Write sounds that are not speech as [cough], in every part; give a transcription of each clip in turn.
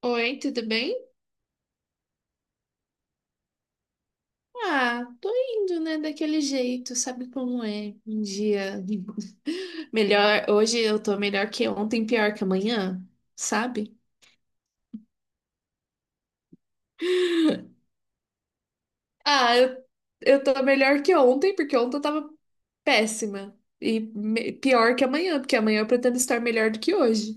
Oi, tudo bem? Ah, tô indo, né, daquele jeito, sabe como é? Um dia [laughs] melhor, hoje eu tô melhor que ontem, pior que amanhã, sabe? Ah, eu tô melhor que ontem, porque ontem eu tava péssima. Pior que amanhã, porque amanhã eu pretendo estar melhor do que hoje.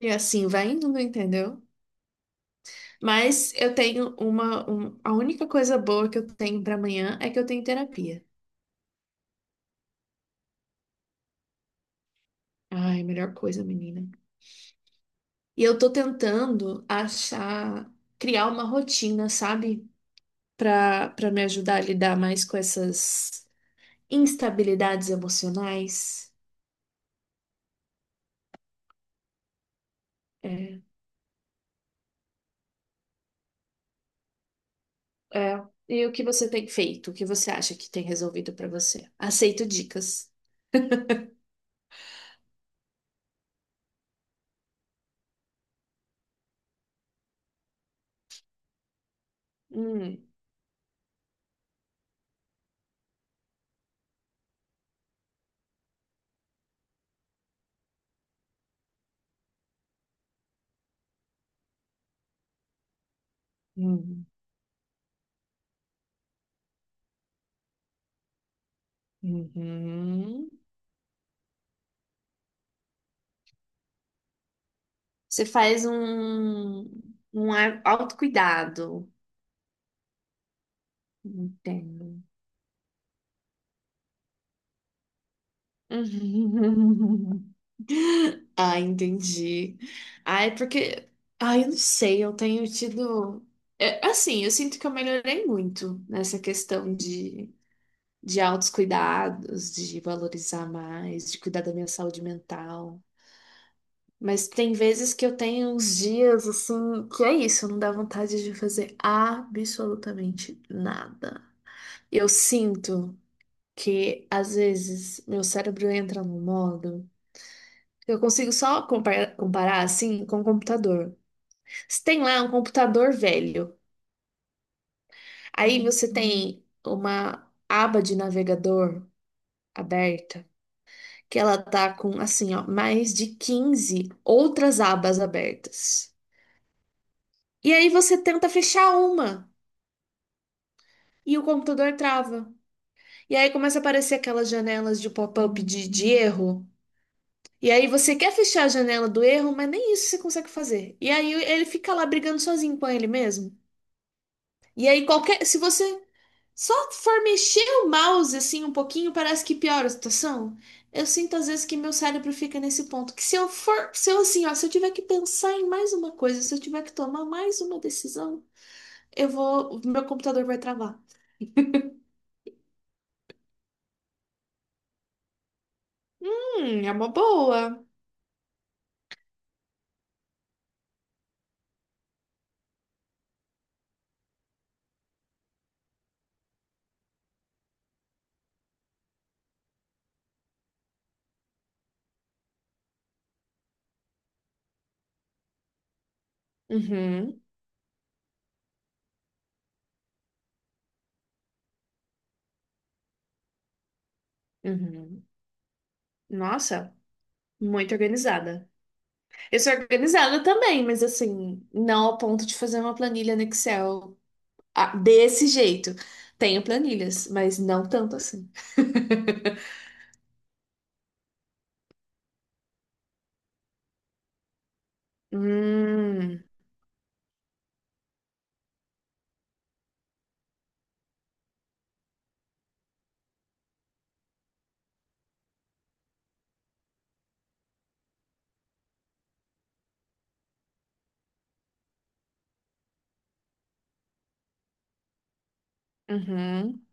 E assim vai indo, entendeu? Mas eu tenho a única coisa boa que eu tenho pra amanhã é que eu tenho terapia. Ai, melhor coisa, menina. E eu tô tentando achar, criar uma rotina, sabe? Pra me ajudar a lidar mais com essas instabilidades emocionais. É, é. E o que você tem feito? O que você acha que tem resolvido pra você? Aceito dicas. Hum, hum, uhum. Você faz um autocuidado. Entendo. [laughs] Ah, entendi. Ah, é porque. Ah, eu não sei, eu tenho tido. É, assim, eu sinto que eu melhorei muito nessa questão de autocuidados, de valorizar mais, de cuidar da minha saúde mental. Mas tem vezes que eu tenho uns dias assim, que é isso, não dá vontade de fazer absolutamente nada. Eu sinto que, às vezes, meu cérebro entra num modo que eu consigo só comparar assim com o computador. Você tem lá um computador velho. Aí você tem uma aba de navegador aberta, que ela tá com assim, ó, mais de 15 outras abas abertas. E aí você tenta fechar uma e o computador trava. E aí começa a aparecer aquelas janelas de pop-up de erro. E aí você quer fechar a janela do erro, mas nem isso você consegue fazer. E aí ele fica lá brigando sozinho com ele mesmo. E aí qualquer, se você só for mexer o mouse assim um pouquinho, parece que piora a situação. Eu sinto às vezes que meu cérebro fica nesse ponto, que se eu for, se eu assim, ó, se eu tiver que pensar em mais uma coisa, se eu tiver que tomar mais uma decisão, eu vou, meu computador vai travar. É uma boa. Uhum, uhum. Nossa, muito organizada. Eu sou organizada também, mas assim, não ao ponto de fazer uma planilha no Excel. Ah, desse jeito. Tenho planilhas, mas não tanto assim. Hum, uhum,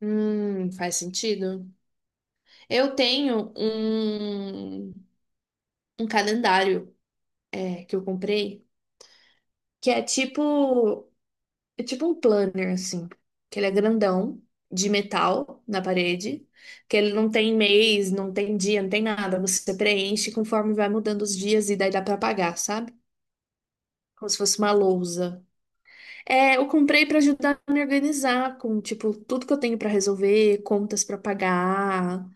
faz sentido. Eu tenho um calendário é, que eu comprei, que é tipo um planner, assim. Que ele é grandão, de metal, na parede. Que ele não tem mês, não tem dia, não tem nada. Você preenche conforme vai mudando os dias e daí dá pra apagar, sabe? Como se fosse uma lousa. É, eu comprei para ajudar a me organizar com, tipo, tudo que eu tenho para resolver, contas para pagar,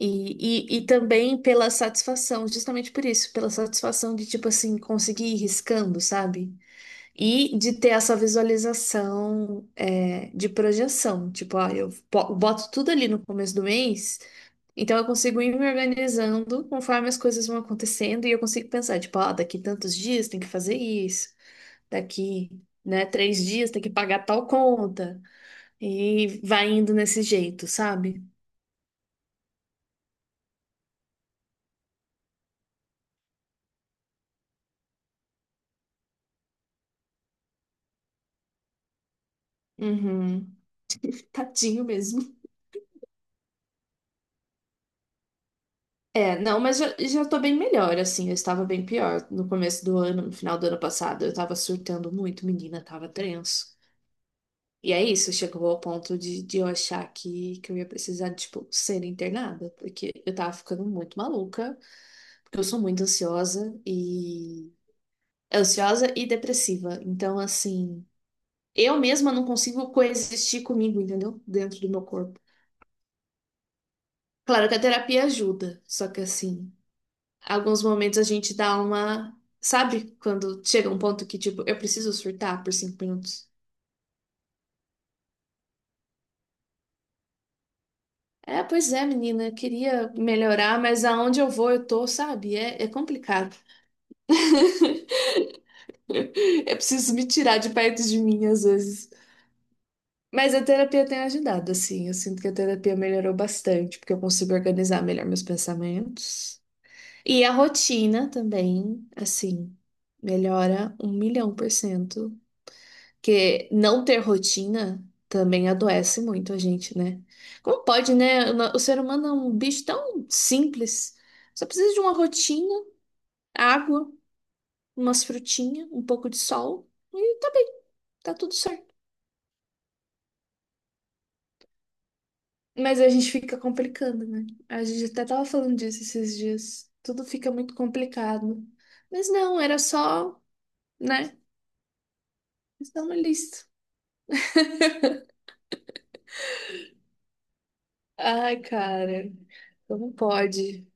e também pela satisfação, justamente por isso, pela satisfação de, tipo assim, conseguir ir riscando, sabe? E de ter essa visualização, é, de projeção, tipo, ó, eu boto tudo ali no começo do mês, então eu consigo ir me organizando conforme as coisas vão acontecendo, e eu consigo pensar, tipo, ó, daqui tantos dias tem que fazer isso daqui, né, 3 dias tem que pagar tal conta. E vai indo nesse jeito, sabe? Uhum. Tadinho mesmo. É, não, mas já, já tô bem melhor, assim. Eu estava bem pior no começo do ano, no final do ano passado. Eu tava surtando muito, menina, tava tenso. E é isso, chegou ao ponto de eu achar que eu ia precisar, tipo, ser internada, porque eu tava ficando muito maluca, porque eu sou muito ansiosa e. Ansiosa e depressiva. Então, assim. Eu mesma não consigo coexistir comigo, entendeu? Dentro do meu corpo. Claro que a terapia ajuda, só que assim, alguns momentos a gente dá uma. Sabe quando chega um ponto que, tipo, eu preciso surtar por 5 minutos? É, pois é, menina, eu queria melhorar, mas aonde eu vou, eu tô, sabe? É, é complicado. [laughs] Eu preciso me tirar de perto de mim às vezes. Mas a terapia tem ajudado, assim. Eu sinto que a terapia melhorou bastante, porque eu consigo organizar melhor meus pensamentos. E a rotina também, assim, melhora 1.000.000%. Porque não ter rotina também adoece muito a gente, né? Como pode, né? O no- O ser humano é um bicho tão simples. Só precisa de uma rotina, água, umas frutinhas, um pouco de sol e tá bem, tá tudo certo. Mas a gente fica complicando, né? A gente até tava falando disso esses dias. Tudo fica muito complicado. Mas não, era só, né? Isso é uma lista. Ai, cara, como pode?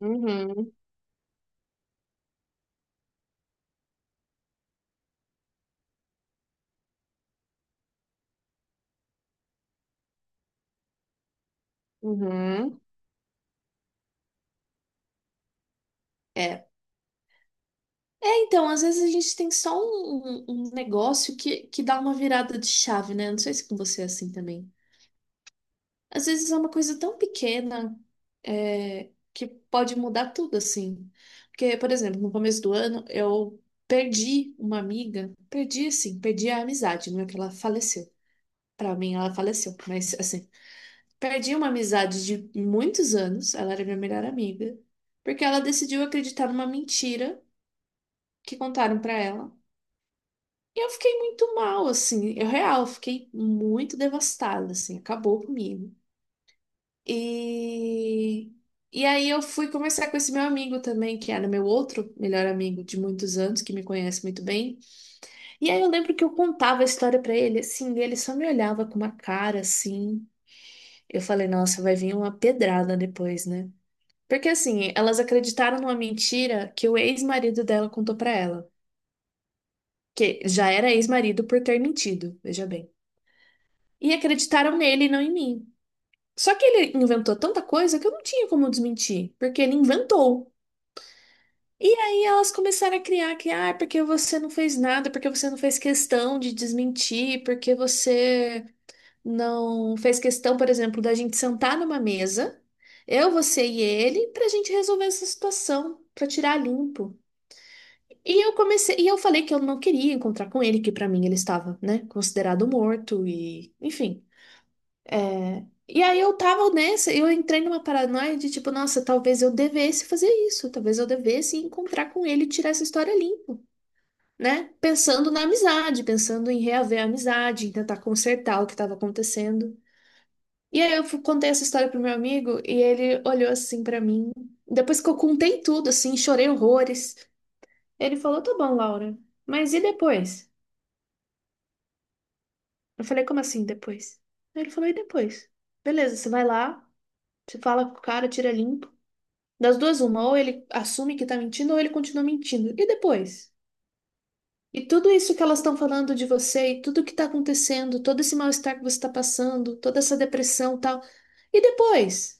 Uhum, uhum. É. É, então, às vezes a gente tem só um, um- um negócio que dá uma virada de chave, né? Não sei se com você é assim também. Às vezes é uma coisa tão pequena, é, que pode mudar tudo, assim. Porque, por exemplo, no começo do ano, eu perdi uma amiga, perdi assim, perdi a amizade, não é que ela faleceu. Pra mim, ela faleceu, mas assim. Perdi uma amizade de muitos anos, ela era minha melhor amiga, porque ela decidiu acreditar numa mentira que contaram pra ela. E eu fiquei muito mal, assim, eu real, fiquei muito devastada, assim, acabou comigo. E e aí eu fui conversar com esse meu amigo também, que era meu outro melhor amigo de muitos anos, que me conhece muito bem. E aí eu lembro que eu contava a história pra ele, assim, e ele só me olhava com uma cara assim. Eu falei, nossa, vai vir uma pedrada depois, né? Porque assim, elas acreditaram numa mentira que o ex-marido dela contou pra ela, que já era ex-marido por ter mentido, veja bem. E acreditaram nele e não em mim. Só que ele inventou tanta coisa que eu não tinha como desmentir, porque ele inventou. E aí elas começaram a criar que, ah, porque você não fez nada, porque você não fez questão de desmentir, porque você não fez questão, por exemplo, da gente sentar numa mesa, eu, você e ele, pra gente resolver essa situação, pra tirar limpo. E eu comecei, e eu falei que eu não queria encontrar com ele, que pra mim ele estava, né, considerado morto e, enfim. É, e aí eu tava nessa, eu entrei numa paranoia de tipo, nossa, talvez eu devesse fazer isso, talvez eu devesse encontrar com ele e tirar essa história limpo, né? Pensando na amizade, pensando em reaver a amizade, em tentar consertar o que estava acontecendo. E aí eu contei essa história pro meu amigo e ele olhou assim pra mim. Depois que eu contei tudo, assim, chorei horrores, ele falou: "Tá bom, Laura, mas e depois?" Eu falei, como assim depois? Aí ele falou, e depois? Beleza, você vai lá, você fala com o cara, tira limpo. Das duas, uma, ou ele assume que tá mentindo, ou ele continua mentindo. E depois? E tudo isso que elas estão falando de você, e tudo que tá acontecendo, todo esse mal-estar que você tá passando, toda essa depressão e tal. E depois?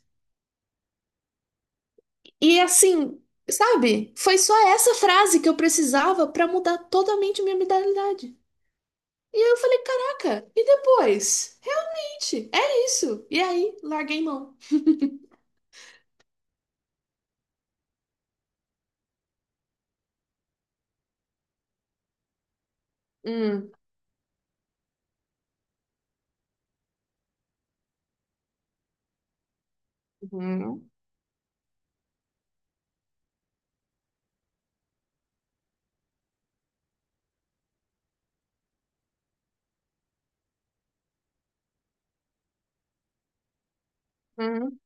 E assim, sabe? Foi só essa frase que eu precisava pra mudar totalmente minha mentalidade. E aí eu falei, caraca, e depois? Gente, é isso. E aí, larguei mão. Hum. Uhum, uhum,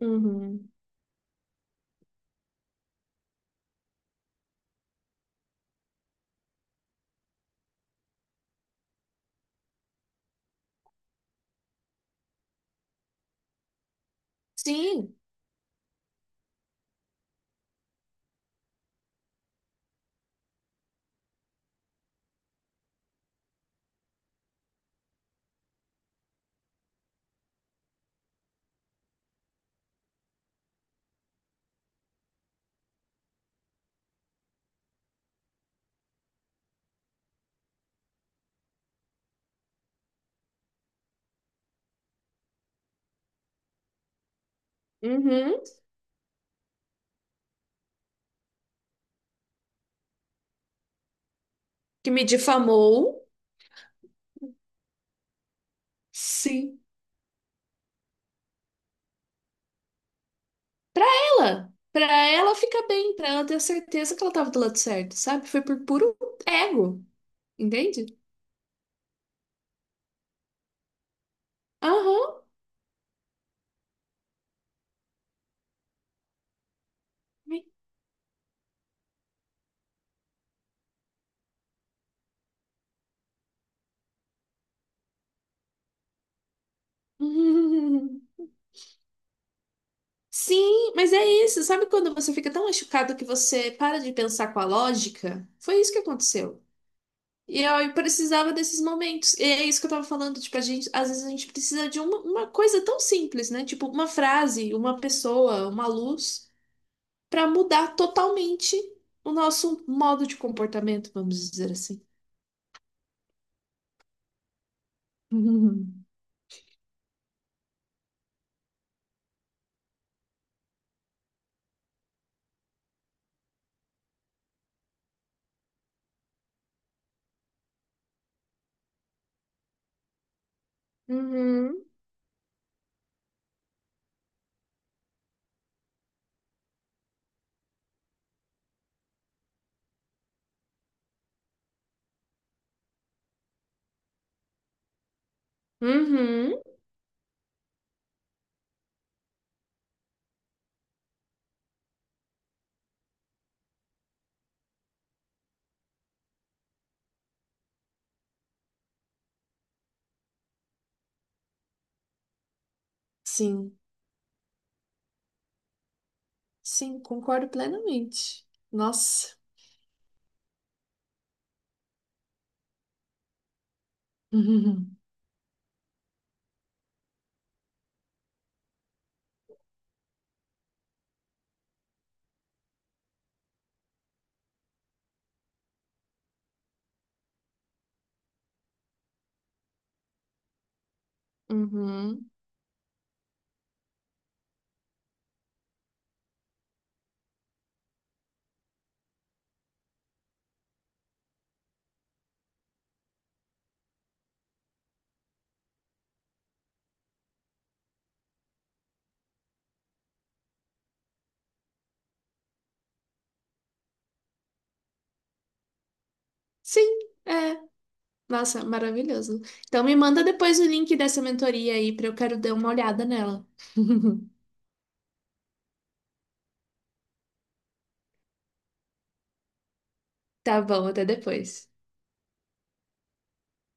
uhum. Sim, uhum. Que me difamou, sim. Pra pra ela ficar bem, pra ela ter a certeza que ela tava do lado certo, sabe? Foi por puro ego, entende? Aham. [laughs] Uhum. Sim, mas é isso. Sabe quando você fica tão machucado que você para de pensar com a lógica? Foi isso que aconteceu. E eu precisava desses momentos. E é isso que eu tava falando, tipo, a gente, às vezes a gente precisa de uma coisa tão simples, né? Tipo, uma frase, uma pessoa, uma luz, pra mudar totalmente o nosso modo de comportamento, vamos dizer assim. Uhum. Uhum. Uhum. Sim, sim, concordo plenamente. Nossa. Uhum. Uhum. Sim, é. Nossa, maravilhoso. Então me manda depois o link dessa mentoria aí pra eu quero dar uma olhada nela. [laughs] Tá bom, até depois.